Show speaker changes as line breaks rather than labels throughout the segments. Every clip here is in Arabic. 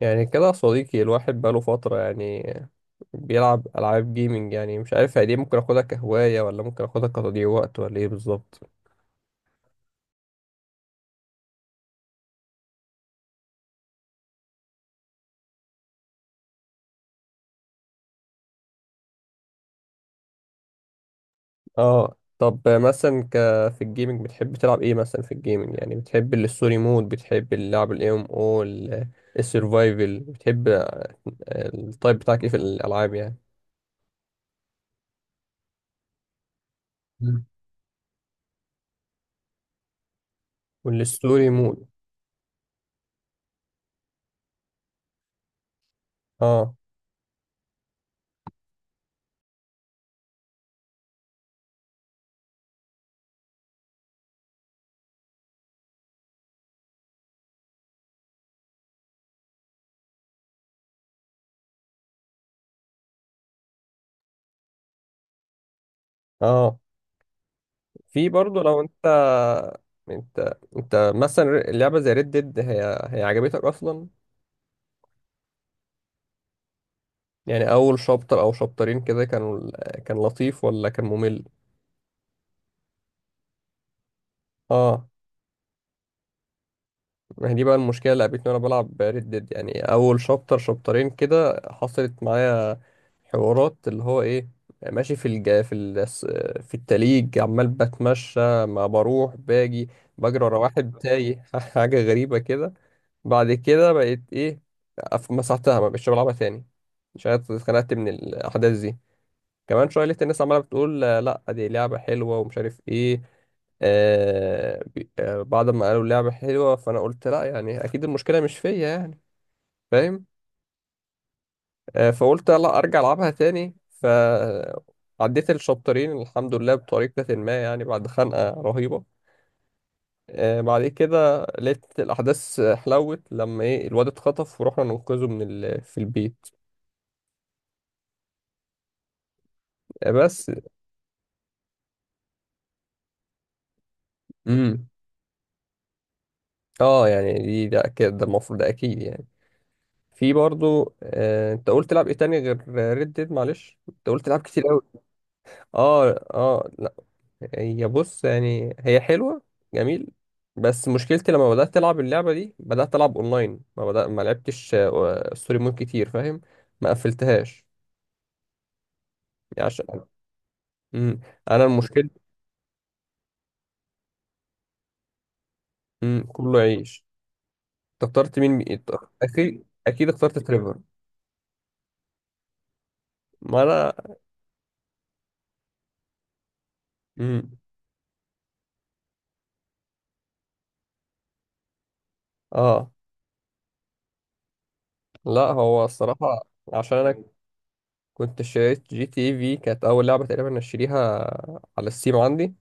يعني كده يا صديقي، الواحد بقاله فترة بيلعب ألعاب جيمنج. يعني مش عارف هي دي ممكن أخدها كهواية، ولا ممكن أخدها كتضييع وقت، ولا إيه بالظبط؟ اه، طب مثلا في الجيمنج بتحب تلعب إيه مثلا؟ في الجيمنج يعني بتحب الستوري مود، بتحب اللعب ال MMO، ال- السرفايفل، بتحب التايب بتاعك إيه في الألعاب يعني؟ مم. والستوري مود. اه اه. في برضه لو انت مثلا اللعبة زي ريد ديد، هي عجبتك اصلا؟ يعني اول شابتر او شابترين كده كان لطيف ولا كان ممل؟ اه، ما هي دي بقى المشكله اللي قابلتني وانا بلعب ريد ديد. يعني اول شابتر شابترين كده حصلت معايا حوارات، اللي هو ايه، ماشي في التليج عمال بتمشى، ما بروح باجي، بجري ورا واحد تايه حاجه غريبه كده. بعد كده بقيت ايه، مسحتها، ما بقتش بلعبها تاني. مش عارف، اتخنقت من الاحداث دي. كمان شويه لقيت الناس عماله بتقول، لا دي لعبه حلوه ومش عارف ايه. بعد ما قالوا لعبه حلوه فانا قلت لا، يعني اكيد المشكله مش فيا يعني، فاهم؟ فقلت لا، ارجع العبها تاني، فعديت الشابترين الحمد لله بطريقه ما، يعني بعد خنقه رهيبه. بعد كده لقيت الاحداث حلوت، لما ايه، الواد اتخطف ورحنا ننقذه في البيت. بس. امم اه، يعني دي، ده اكيد، ده المفروض، ده اكيد يعني. في برضو، انت قلت تلعب ايه تاني غير ريد ديد؟ معلش، انت قلت تلعب كتير قوي. اه اه لا، هي بص، يعني هي حلوه، جميل. بس مشكلتي لما بدات العب اللعبه دي بدات العب اونلاين، ما بدأ ما لعبتش ستوري مود كتير، فاهم؟ ما قفلتهاش يعني، عشان. مم. انا المشكله. مم. كله عيش. أنت اخترت مين؟ اكيد اكيد اخترت تريفر. ما انا. مم. اه لا، هو الصراحه، عشان انا كنت شريت جي تي اي في، كانت اول لعبه تقريبا اشتريها على السيم عندي.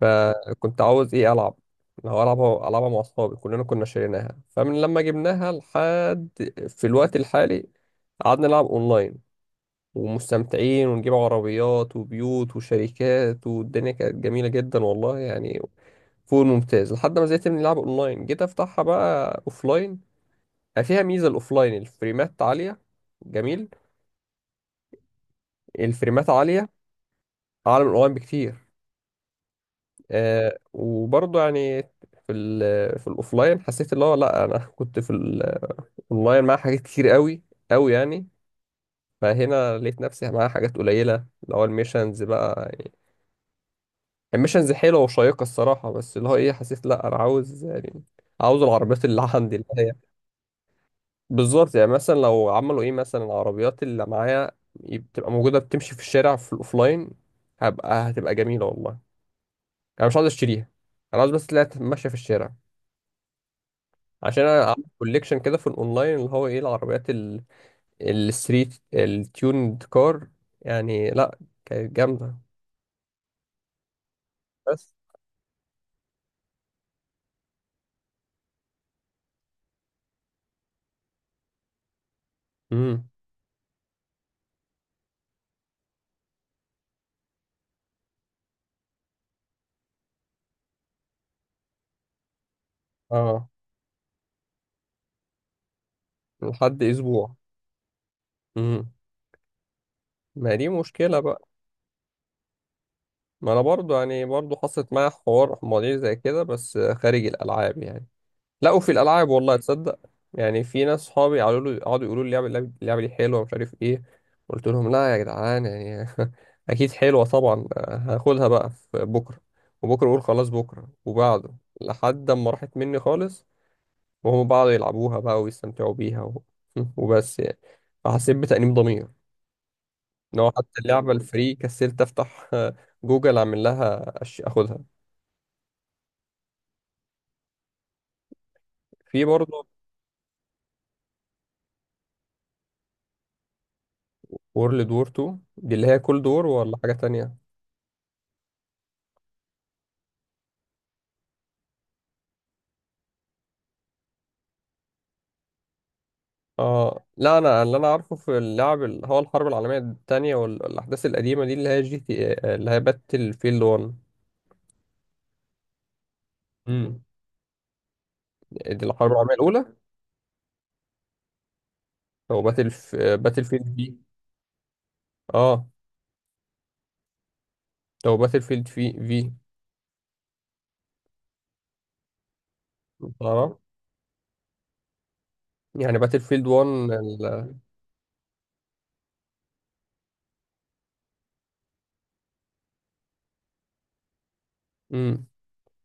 فكنت عاوز ايه، العب، لو العبها العبها مع اصحابي، كلنا كنا شاريناها. فمن لما جبناها لحد في الوقت الحالي قعدنا نلعب اونلاين، ومستمتعين، ونجيب عربيات وبيوت وشركات، والدنيا كانت جميله جدا والله، يعني فوق الممتاز. لحد ما زهقت من اللعب اونلاين، جيت افتحها بقى اوفلاين. فيها ميزه الاوفلاين، الفريمات عاليه، جميل. الفريمات عاليه اعلى من الاونلاين بكتير. وبرضه يعني في الاوفلاين حسيت، اللي هو لا، انا كنت في الاونلاين مع حاجات كتير قوي قوي يعني، فهنا لقيت نفسي مع حاجات قليله، اللي هو الميشنز بقى يعني. الميشنز حلوه وشيقه الصراحه، بس اللي هو ايه، حسيت لا، انا عاوز يعني، عاوز العربيات اللي عندي، اللي هي، بالظبط. يعني مثلا لو عملوا ايه، مثلا العربيات اللي معايا بتبقى موجوده بتمشي في الشارع في الاوفلاين، هتبقى جميله والله. انا مش عاوز اشتريها، انا عاوز بس تلاقيها ماشيه في الشارع. عشان انا عامل كوليكشن كده في الاونلاين، اللي هو ايه، العربيات الستريت التيوند كار، يعني لا، كانت جامده. بس. امم اه، لحد اسبوع. امم ما دي مشكله بقى. ما انا برضو يعني، برضو حصلت معايا حوار مواضيع زي كده بس خارج الالعاب يعني، لا وفي الالعاب والله تصدق. يعني في ناس صحابي قالوا لي، قعدوا يقولوا لي اللعبه اللعبه اللعبة دي حلوه ومش عارف ايه. قلت لهم لا يا جدعان، يعني اكيد حلوه طبعا، هاخدها بقى في بكره، وبكره اقول خلاص بكره وبعده، لحد ما راحت مني خالص، وهم بعضوا يلعبوها بقى ويستمتعوا بيها وبس يعني. فحسيت بتأنيب ضمير ان هو حتى اللعبه الفري كسلت افتح جوجل اعمل لها اخدها. في برضه. وورلد وور 2 دي اللي هي كل دور ولا حاجه تانية؟ اه لا، انا اللي انا عارفه في اللعب اللي هو الحرب العالميه الثانيه والاحداث القديمه دي، اللي هي جي تي، اللي هي باتل فيلد 1. امم دي الحرب العالميه الاولى، او باتل فيلد في. اه، او باتل فيلد في. تعرف، يعني باتل فيلد 1 مم.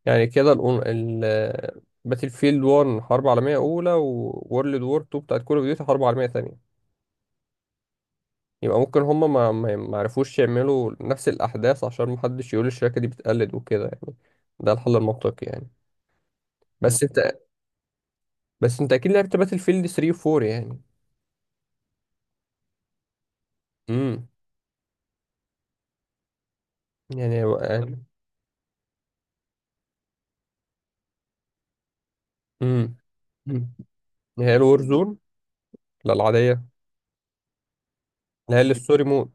يعني كده باتل فيلد 1 حرب عالميه اولى، وورلد وور 2 بتاعت كول اوف ديوتي حرب عالميه ثانيه. يبقى ممكن هما ما عرفوش يعملوا نفس الأحداث عشان محدش يقول الشركة دي بتقلد وكده، يعني ده الحل المنطقي يعني. بس انت بس انت اكيد لعبت باتل فيلد 3 و 4 يعني. امم يعني يعني امم مم. هي الور زون؟ لا، العادية. لا، هي الستوري مود.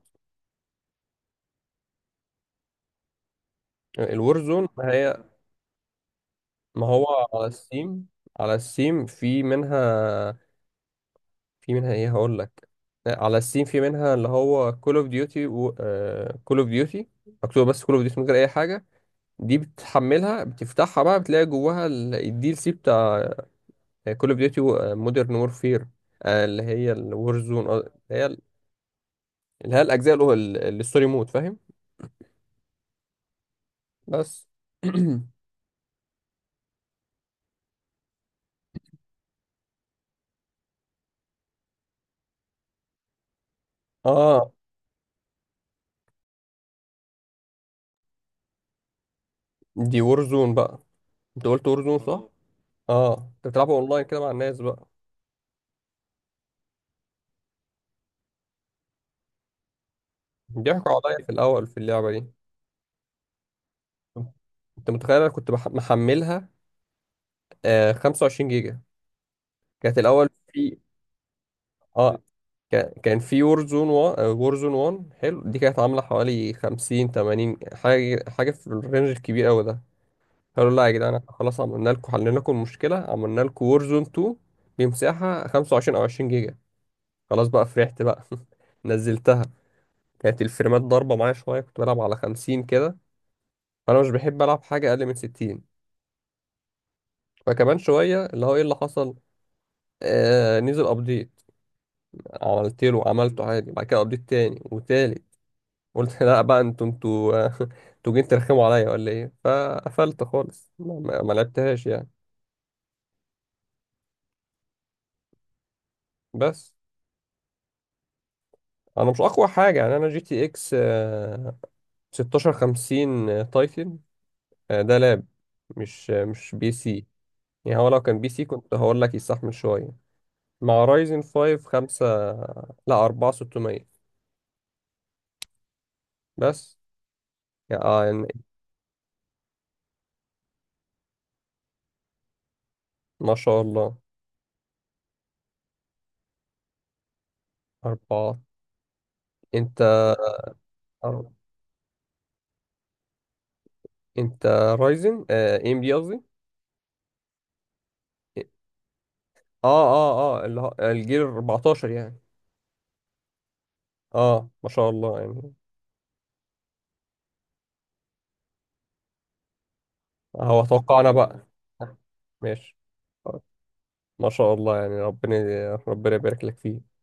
الور زون، ما هي، ما هو على السيم، على السيم في منها، في منها ايه، هقول لك. على السيم في منها، اللي هو كول اوف ديوتي، و كول اوف ديوتي مكتوب، بس كول اوف ديوتي من غير اي حاجة. دي بتحملها، بتفتحها بقى، بتلاقي جواها الدي ال سي بتاع كول اوف ديوتي مودرن وورفير، اللي هي الور زون، اللي هي الاجزاء، اللي هو الستوري مود، فاهم؟ بس. اه، دي وور زون بقى. انت قلت وور زون صح، اه؟ اه، انت بتلعبها اونلاين كده مع الناس بقى؟ بيضحكوا عليا في الاول في اللعبه دي. انت متخيل، انا كنت محملها 25 جيجا، كانت الاول في. اه، كان في وورزون 1. وورزون 1 حلو، دي كانت عامله حوالي 50 80، حاجه حاجه في الرينج الكبير قوي ده. قالوا لا يا جدعان، احنا خلاص عملنا لكم، حلينا لكم المشكله، عملنا لكم وورزون 2 بمساحه 25 او 20 جيجا، خلاص بقى، فرحت بقى نزلتها. كانت الفريمات ضاربه معايا شويه، كنت بلعب على 50 كده، فانا مش بحب العب حاجه اقل من 60. فكمان شويه اللي هو ايه اللي حصل، نزل ابديت، عملته عادي. بعد كده ابديت تاني وتالت، قلت لا بقى، انتوا انتوا انتوا جايين ترخموا عليا ولا ايه؟ فقفلت خالص، ما لعبتهاش يعني. بس. انا مش اقوى حاجه يعني، انا جي تي اكس 1650 تايتن، ده لاب مش، مش بي سي. يعني هو لو كان بي سي كنت هقول لك يستحمل شويه، مع رايزن 5 5، لا 4 600. بس يعني. ما شاء الله. 4. انت أر- انت رايزن، ام دي قصدي. اه اه اه، اللي هو الجيل 14 يعني. اه، ما شاء الله يعني. هو اتوقعنا بقى. ماشي، ما شاء الله يعني، ربنا يبارك لك فيه.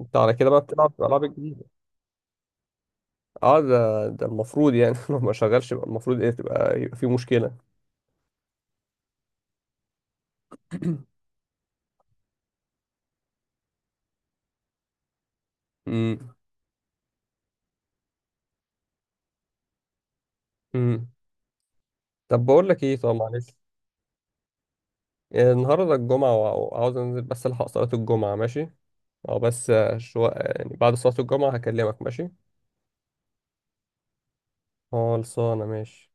انت على كده بقى بتلعب الالعاب الجديده. اه، ده، ده المفروض يعني، لو ما شغلش يبقى المفروض ايه، تبقى، يبقى في مشكله. امم امم طب بقول لك ايه، طب معلش، النهارده الجمعه وعاوز انزل، بس الحق صلاه الجمعه، ماشي؟ او بس شويه يعني بعد صلاه الجمعه هكلمك، ماشي؟ خلصانه، ماشي؟